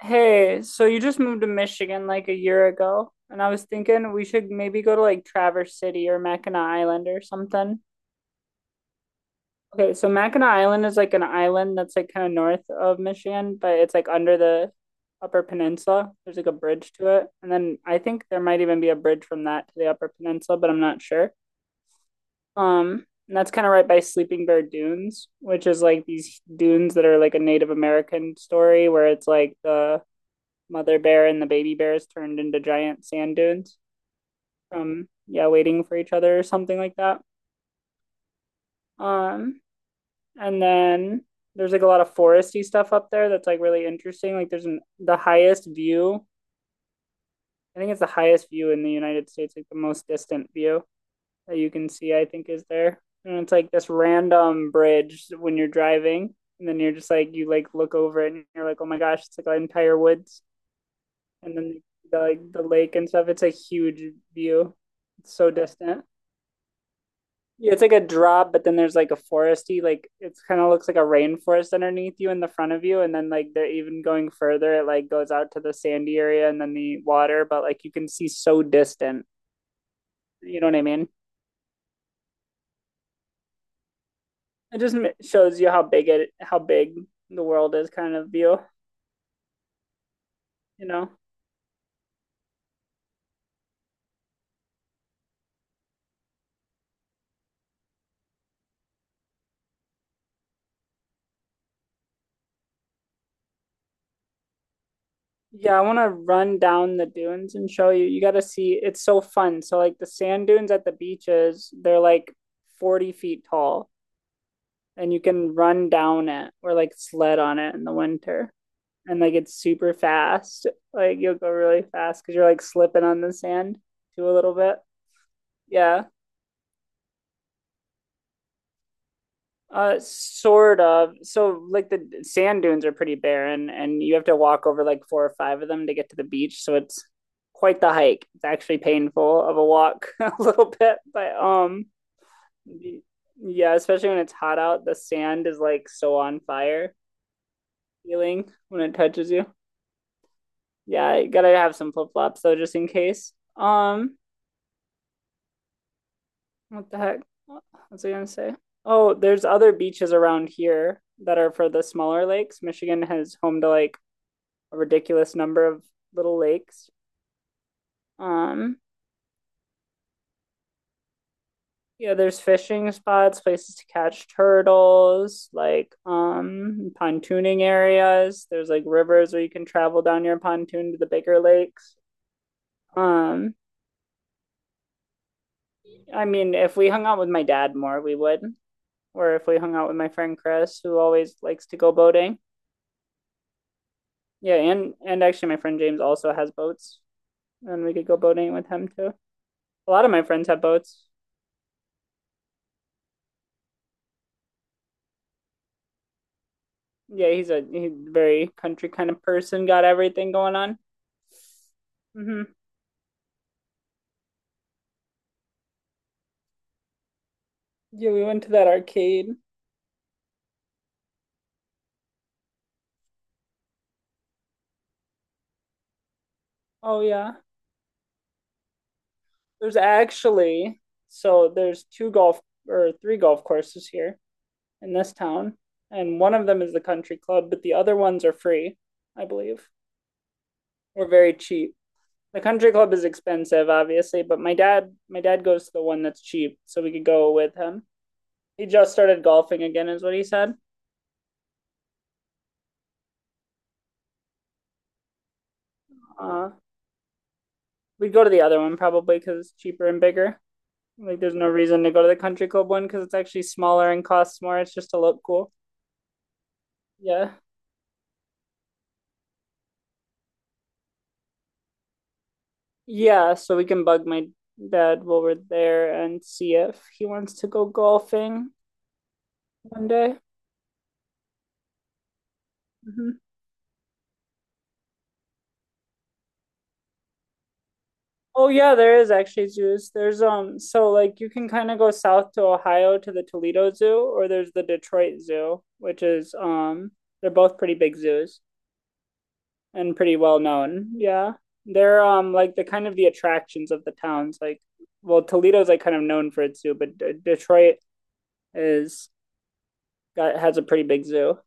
Hey, so you just moved to Michigan like a year ago, and I was thinking we should maybe go to like Traverse City or Mackinac Island or something. Okay, so Mackinac Island is like an island that's like kind of north of Michigan, but it's like under the Upper Peninsula. There's like a bridge to it. And then I think there might even be a bridge from that to the Upper Peninsula, but I'm not sure. And that's kind of right by Sleeping Bear Dunes, which is like these dunes that are like a Native American story where it's like the mother bear and the baby bears turned into giant sand dunes from yeah waiting for each other or something like that. um and then there's like a lot of foresty stuff up there that's like really interesting. Like the highest view, I think it's the highest view in the United States, like the most distant view that you can see, I think, is there. And it's like this random bridge when you're driving, and then you're just like you like look over it and you're like, oh my gosh, it's like an entire woods. And then the lake and stuff. It's a huge view. It's so distant. Yeah, it's like a drop, but then there's like a foresty, like it's kind of looks like a rainforest underneath you in the front of you, and then like they're even going further. It like goes out to the sandy area and then the water, but like you can see so distant. You know what I mean? It just shows you how big the world is, kind of view. You know. Yeah, I want to run down the dunes and show you. You got to see, it's so fun. So, like the sand dunes at the beaches, they're like 40 feet tall, and you can run down it or like sled on it in the winter. And like it's super fast. Like you'll go really fast because you're like slipping on the sand too a little bit. Yeah. Sort of. So, like the sand dunes are pretty barren, and you have to walk over like four or five of them to get to the beach. So it's quite the hike. It's actually painful of a walk a little bit, but yeah, especially when it's hot out, the sand is like so on fire feeling when it touches you. Yeah, you gotta have some flip flops though, just in case. What the heck? What was I gonna say? Oh, there's other beaches around here that are for the smaller lakes. Michigan has home to like a ridiculous number of little lakes. Um, yeah, there's fishing spots, places to catch turtles, like pontooning areas. There's like rivers where you can travel down your pontoon to the bigger lakes. Um, I mean, if we hung out with my dad more, we would, or if we hung out with my friend Chris, who always likes to go boating. Yeah, and actually, my friend James also has boats, and we could go boating with him too. A lot of my friends have boats. Yeah, he's a very country kind of person, got everything going on. Hmm. Yeah, we went to that arcade. Oh yeah. There's actually so there's two golf or three golf courses here in this town, and one of them is the country club, but the other ones are free, I believe, or very cheap. The country club is expensive, obviously, but my dad goes to the one that's cheap, so we could go with him. He just started golfing again, is what he said. Uh, we'd go to the other one probably because it's cheaper and bigger. Like, there's no reason to go to the country club one because it's actually smaller and costs more. It's just to look cool. Yeah. Yeah. So we can bug my dad while we're there and see if he wants to go golfing one day. Mm-hmm. Oh, yeah, there is actually zoos. So like you can kind of go south to Ohio to the Toledo Zoo, or there's the Detroit Zoo, which is, they're both pretty big zoos, and pretty well known. Yeah. They're like the kind of the attractions of the towns. Like, well, Toledo's like kind of known for its zoo, but Detroit is got has a pretty big zoo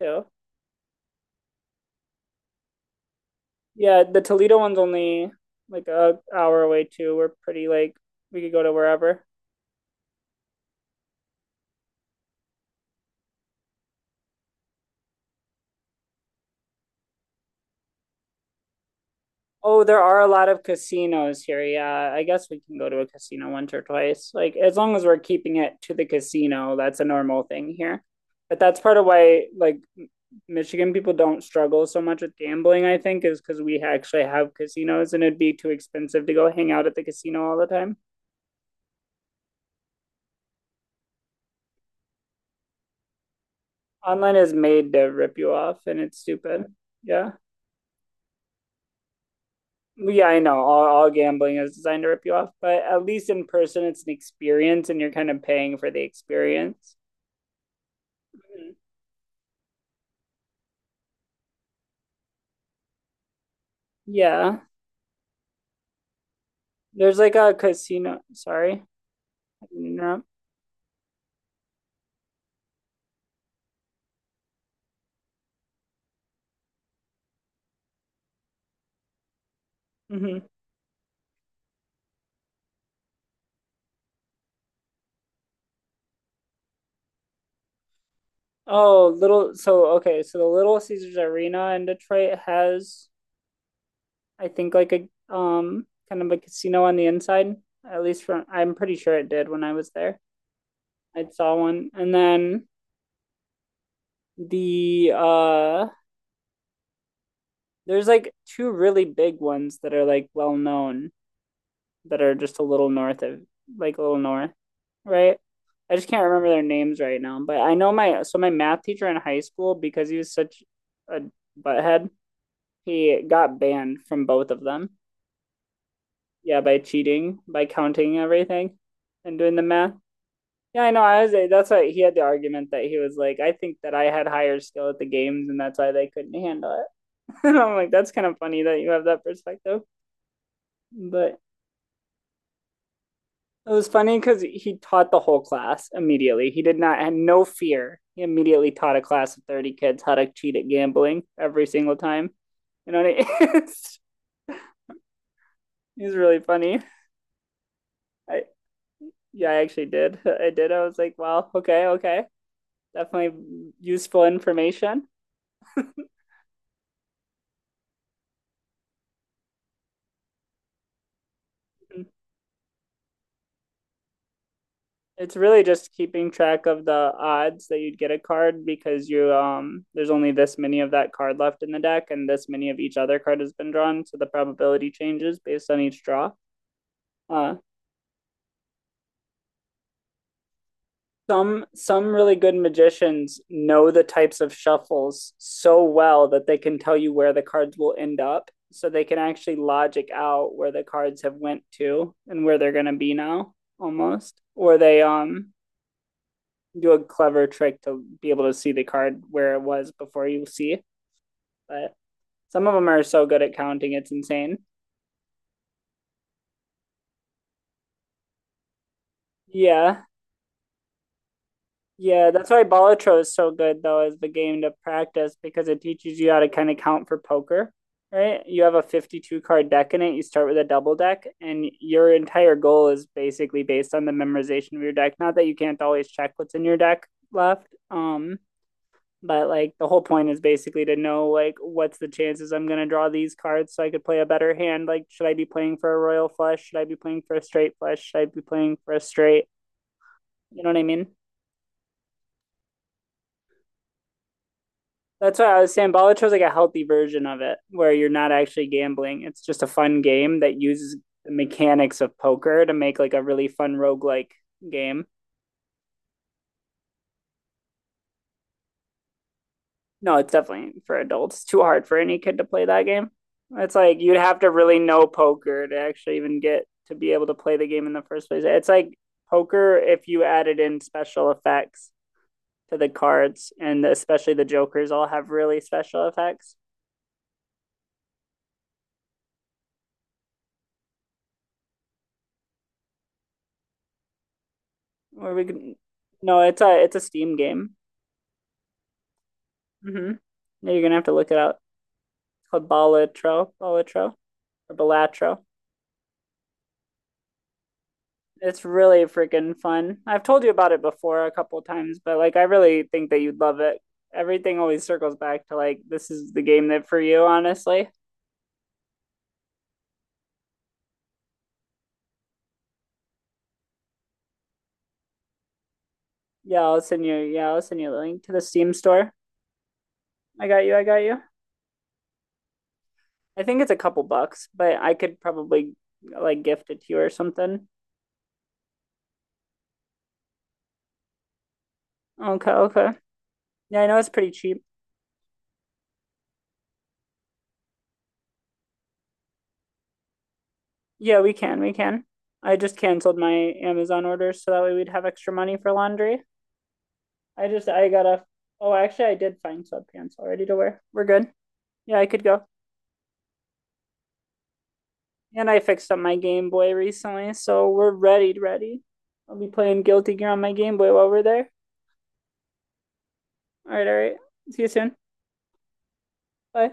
too. Yeah, the Toledo one's only like a hour away too. We're pretty like we could go to wherever. Oh, there are a lot of casinos here. Yeah, I guess we can go to a casino once or twice. Like, as long as we're keeping it to the casino, that's a normal thing here. But that's part of why, like, Michigan people don't struggle so much with gambling, I think, is because we actually have casinos and it'd be too expensive to go hang out at the casino all the time. Online is made to rip you off and it's stupid. Yeah. Well, yeah, I know. All gambling is designed to rip you off, but at least in person, it's an experience and you're kind of paying for the experience. Yeah, there's like a casino. Sorry, I didn't interrupt. Hmm. Oh, little. So the Little Caesars Arena in Detroit has, I think, like a kind of a casino on the inside. At least from I'm pretty sure it did when I was there. I saw one, and then the uh there's like two really big ones that are like well known, that are just a little north of like a little north, right? I just can't remember their names right now, but I know my math teacher in high school, because he was such a butthead, he got banned from both of them. Yeah, by cheating, by counting everything, and doing the math. Yeah, I know. I was. That's why he had the argument that he was like, I think that I had higher skill at the games, and that's why they couldn't handle it. And I'm like, that's kind of funny that you have that perspective. But it was funny because he taught the whole class immediately. He did not had no fear. He immediately taught a class of 30 kids how to cheat at gambling every single time. You know, what I it's, it's really funny. I Yeah, I actually did. I did. I was like, wow, okay, okay. Definitely useful information. It's really just keeping track of the odds that you'd get a card, because you there's only this many of that card left in the deck and this many of each other card has been drawn, so the probability changes based on each draw. Uh, some really good magicians know the types of shuffles so well that they can tell you where the cards will end up, so they can actually logic out where the cards have went to and where they're gonna be now, almost. Or they do a clever trick to be able to see the card where it was before you see it. But some of them are so good at counting, it's insane. Yeah, Yeah, that's why Balatro is so good though, as the game to practice, because it teaches you how to kind of count for poker, right? You have a 52 card deck in it, you start with a double deck and your entire goal is basically based on the memorization of your deck. Not that you can't always check what's in your deck left, but like the whole point is basically to know, like, what's the chances I'm going to draw these cards so I could play a better hand. Like should I be playing for a royal flush? Should I be playing for a straight flush? Should I be playing for a straight? You know what I mean? That's what I was saying. Bolicho is like a healthy version of it, where you're not actually gambling. It's just a fun game that uses the mechanics of poker to make like a really fun roguelike game. No, it's definitely for adults. It's too hard for any kid to play that game. It's like you'd have to really know poker to actually even get to be able to play the game in the first place. It's like poker if you added in special effects to the cards, and especially the jokers all have really special effects. Or we can, no, it's a Steam game. Mm-hmm. No, you're gonna have to look it up. It's called Balatro, Balatro, or Balatro. It's really freaking fun. I've told you about it before a couple times, but like I really think that you'd love it. Everything always circles back to like this is the game that for you, honestly. Yeah, I'll send you. Yeah, I'll send you the link to the Steam store. I got you. I got you. I think it's a couple bucks, but I could probably like gift it to you or something. Okay, okay. Yeah, I know it's pretty cheap. Yeah, we can. We can. I just canceled my Amazon orders so that way we'd have extra money for laundry. I just, I gotta, oh, actually, I did find sweatpants already to wear. We're good. Yeah, I could go. And I fixed up my Game Boy recently, so we're ready, ready. I'll be playing Guilty Gear on my Game Boy while we're there. All right, all right. See you soon. Bye.